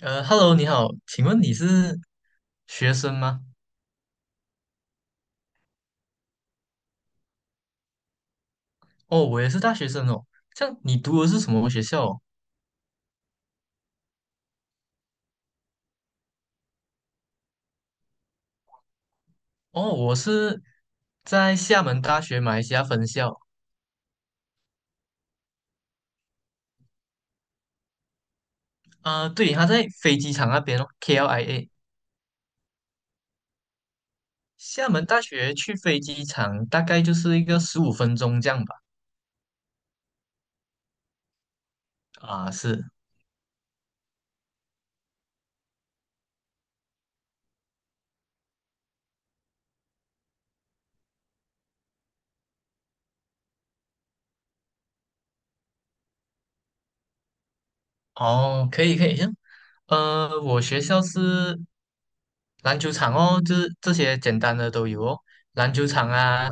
Hello，你好，请问你是学生吗？哦，我也是大学生哦。这样你读的是什么学校哦？哦我是在厦门大学马来西亚分校。啊、对，他在飞机场那边哦，KLIA。厦门大学去飞机场大概就是一个15分钟这样吧。啊、是。哦，可以可以，行，我学校是篮球场哦，这些简单的都有哦，篮球场啊、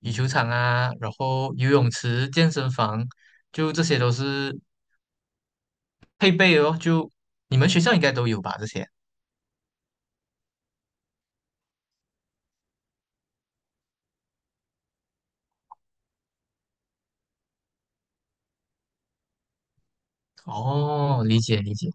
羽球场啊，然后游泳池、健身房，就这些都是配备哦。就你们学校应该都有吧？这些哦，理解理解。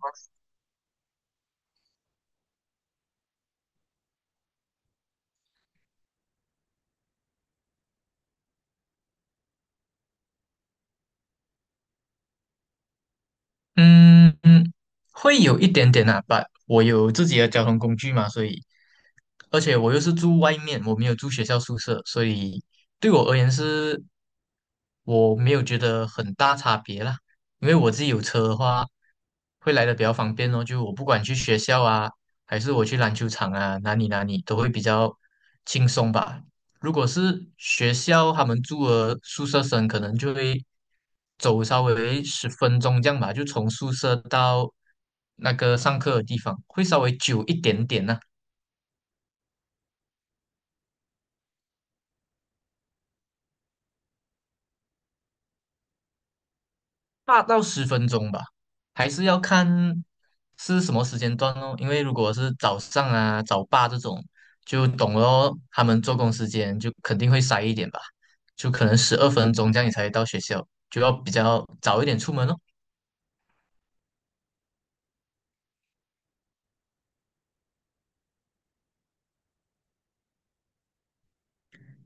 嗯嗯，会有一点点啊，把我有自己的交通工具嘛，所以，而且我又是住外面，我没有住学校宿舍，所以对我而言是，我没有觉得很大差别啦，因为我自己有车的话，会来的比较方便哦，就我不管去学校啊，还是我去篮球场啊，哪里哪里都会比较轻松吧，如果是学校他们住的宿舍生，可能就会走稍微十分钟这样吧，就从宿舍到那个上课的地方，会稍微久一点点呢、8到10分钟吧，还是要看是什么时间段哦。因为如果是早上啊、早八这种，就懂了哦，他们做工时间就肯定会塞一点吧，就可能12分钟这样你才到学校，就要比较早一点出门哦。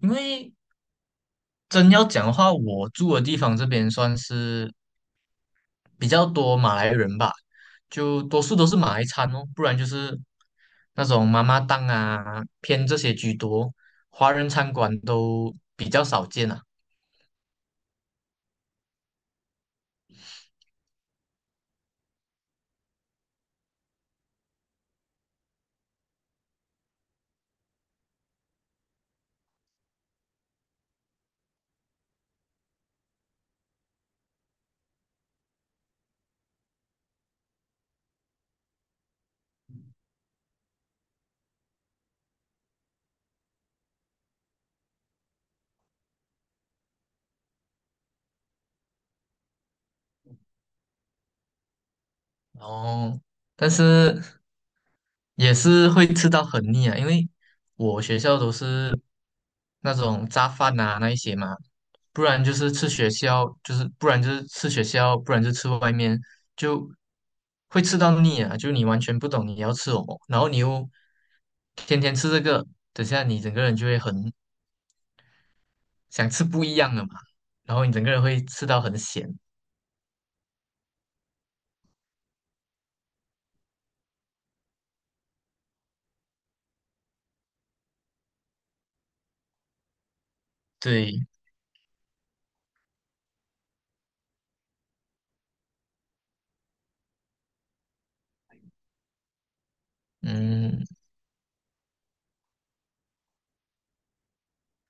因为真要讲的话，我住的地方这边算是比较多马来人吧，就多数都是马来餐哦，不然就是那种妈妈档啊，偏这些居多，华人餐馆都比较少见啊。然后，但是也是会吃到很腻啊，因为我学校都是那种炸饭啊那一些嘛，不然就是吃学校，就是不然就是吃学校，不然就吃外面，就会吃到腻啊！就你完全不懂你要吃什么，然后你又天天吃这个，等下你整个人就会很想吃不一样的嘛，然后你整个人会吃到很咸。对，嗯，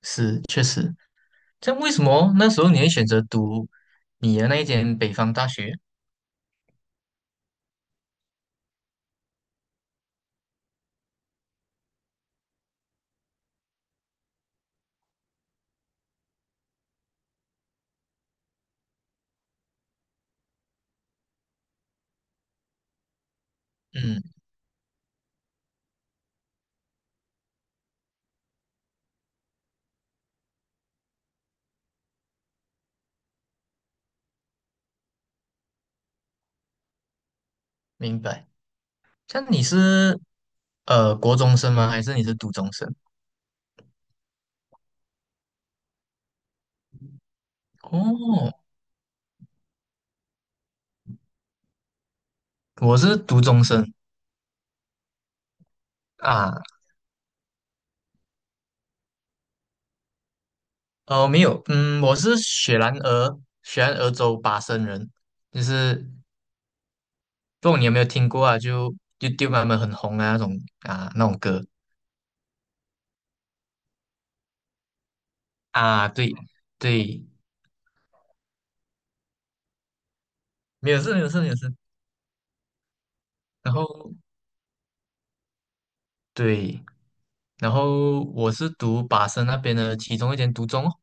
是，确实。这样为什么那时候你会选择读你的那一间北方大学？嗯，明白。像你是国中生吗？还是你是读中生？哦，我是读中生啊，哦没有，嗯，我是雪兰莪，雪兰莪州巴生人，就是不懂你有没有听过啊？就 y 丢 u t 他们很红啊那种啊那种歌啊，对对，没有事没有事没有事。然后对，然后我是读巴生那边的其中一间读中哦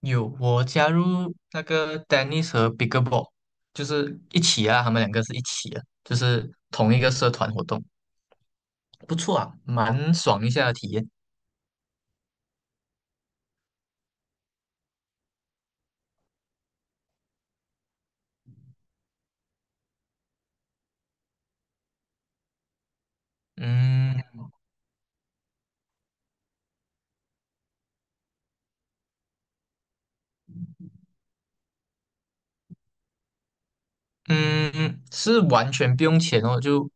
有我加入那个 Dennis 和 Big Ball，就是一起啊，他们两个是一起的，就是同一个社团活动。不错啊，蛮爽一下的体验。嗯嗯，是完全不用钱哦，就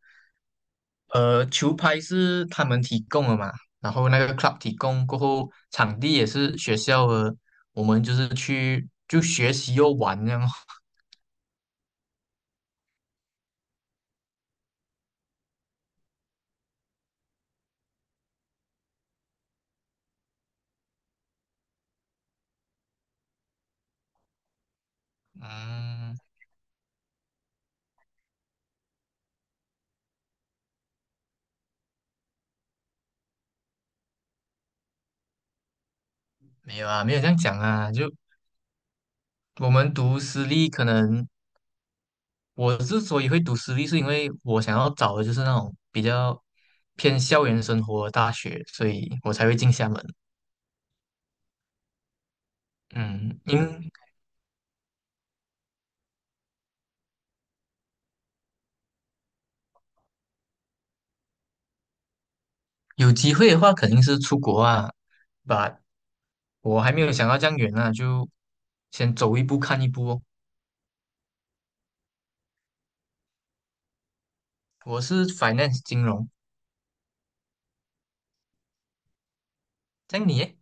球拍是他们提供的嘛，然后那个 club 提供过后，场地也是学校的，我们就是去就学习又玩这样哦嗯，没有啊，没有这样讲啊，就我们读私立，可能我之所以会读私立，是因为我想要找的就是那种比较偏校园生活的大学，所以我才会进厦门。嗯，有机会的话肯定是出国啊，but 我还没有想到这样远呢，就先走一步看一步哦。我是 finance 金融，这样你耶？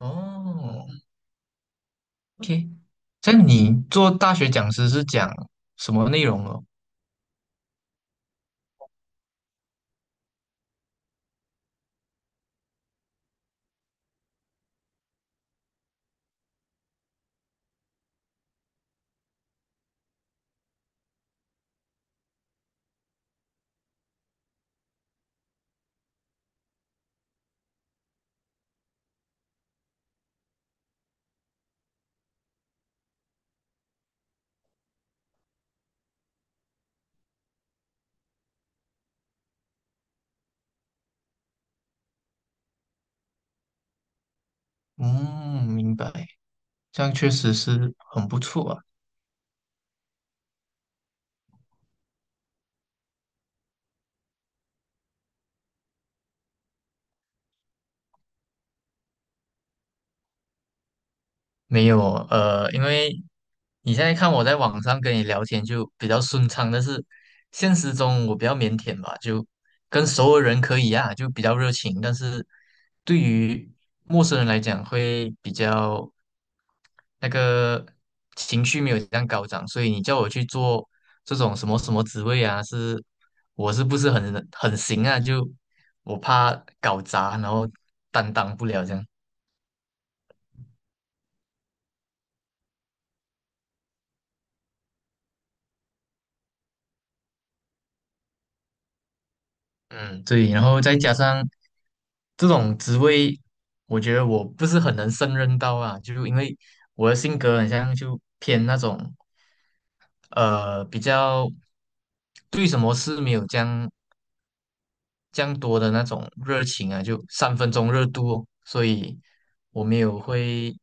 哦，OK，这样你做大学讲师是讲什么内容哦？嗯，明白，这样确实是很不错啊。没有因为你现在看我在网上跟你聊天就比较顺畅，但是现实中我比较腼腆吧，就跟熟的人可以啊，就比较热情，但是对于陌生人来讲会比较那个情绪没有这样高涨，所以你叫我去做这种什么什么职位啊，是我是不是很行啊？就我怕搞砸，然后担当不了这样。嗯，对，然后再加上这种职位，我觉得我不是很能胜任到啊，就因为我的性格很像就偏那种比较对什么事没有这样多的那种热情啊，就三分钟热度哦，所以我没有会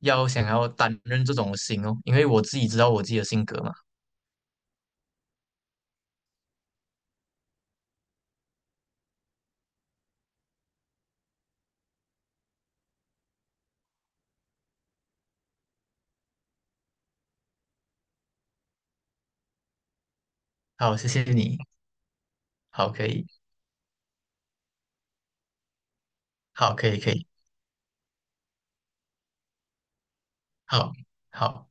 要想要担任这种心哦，因为我自己知道我自己的性格嘛。好，谢谢你，好，可以，好，可以，可以，好，好。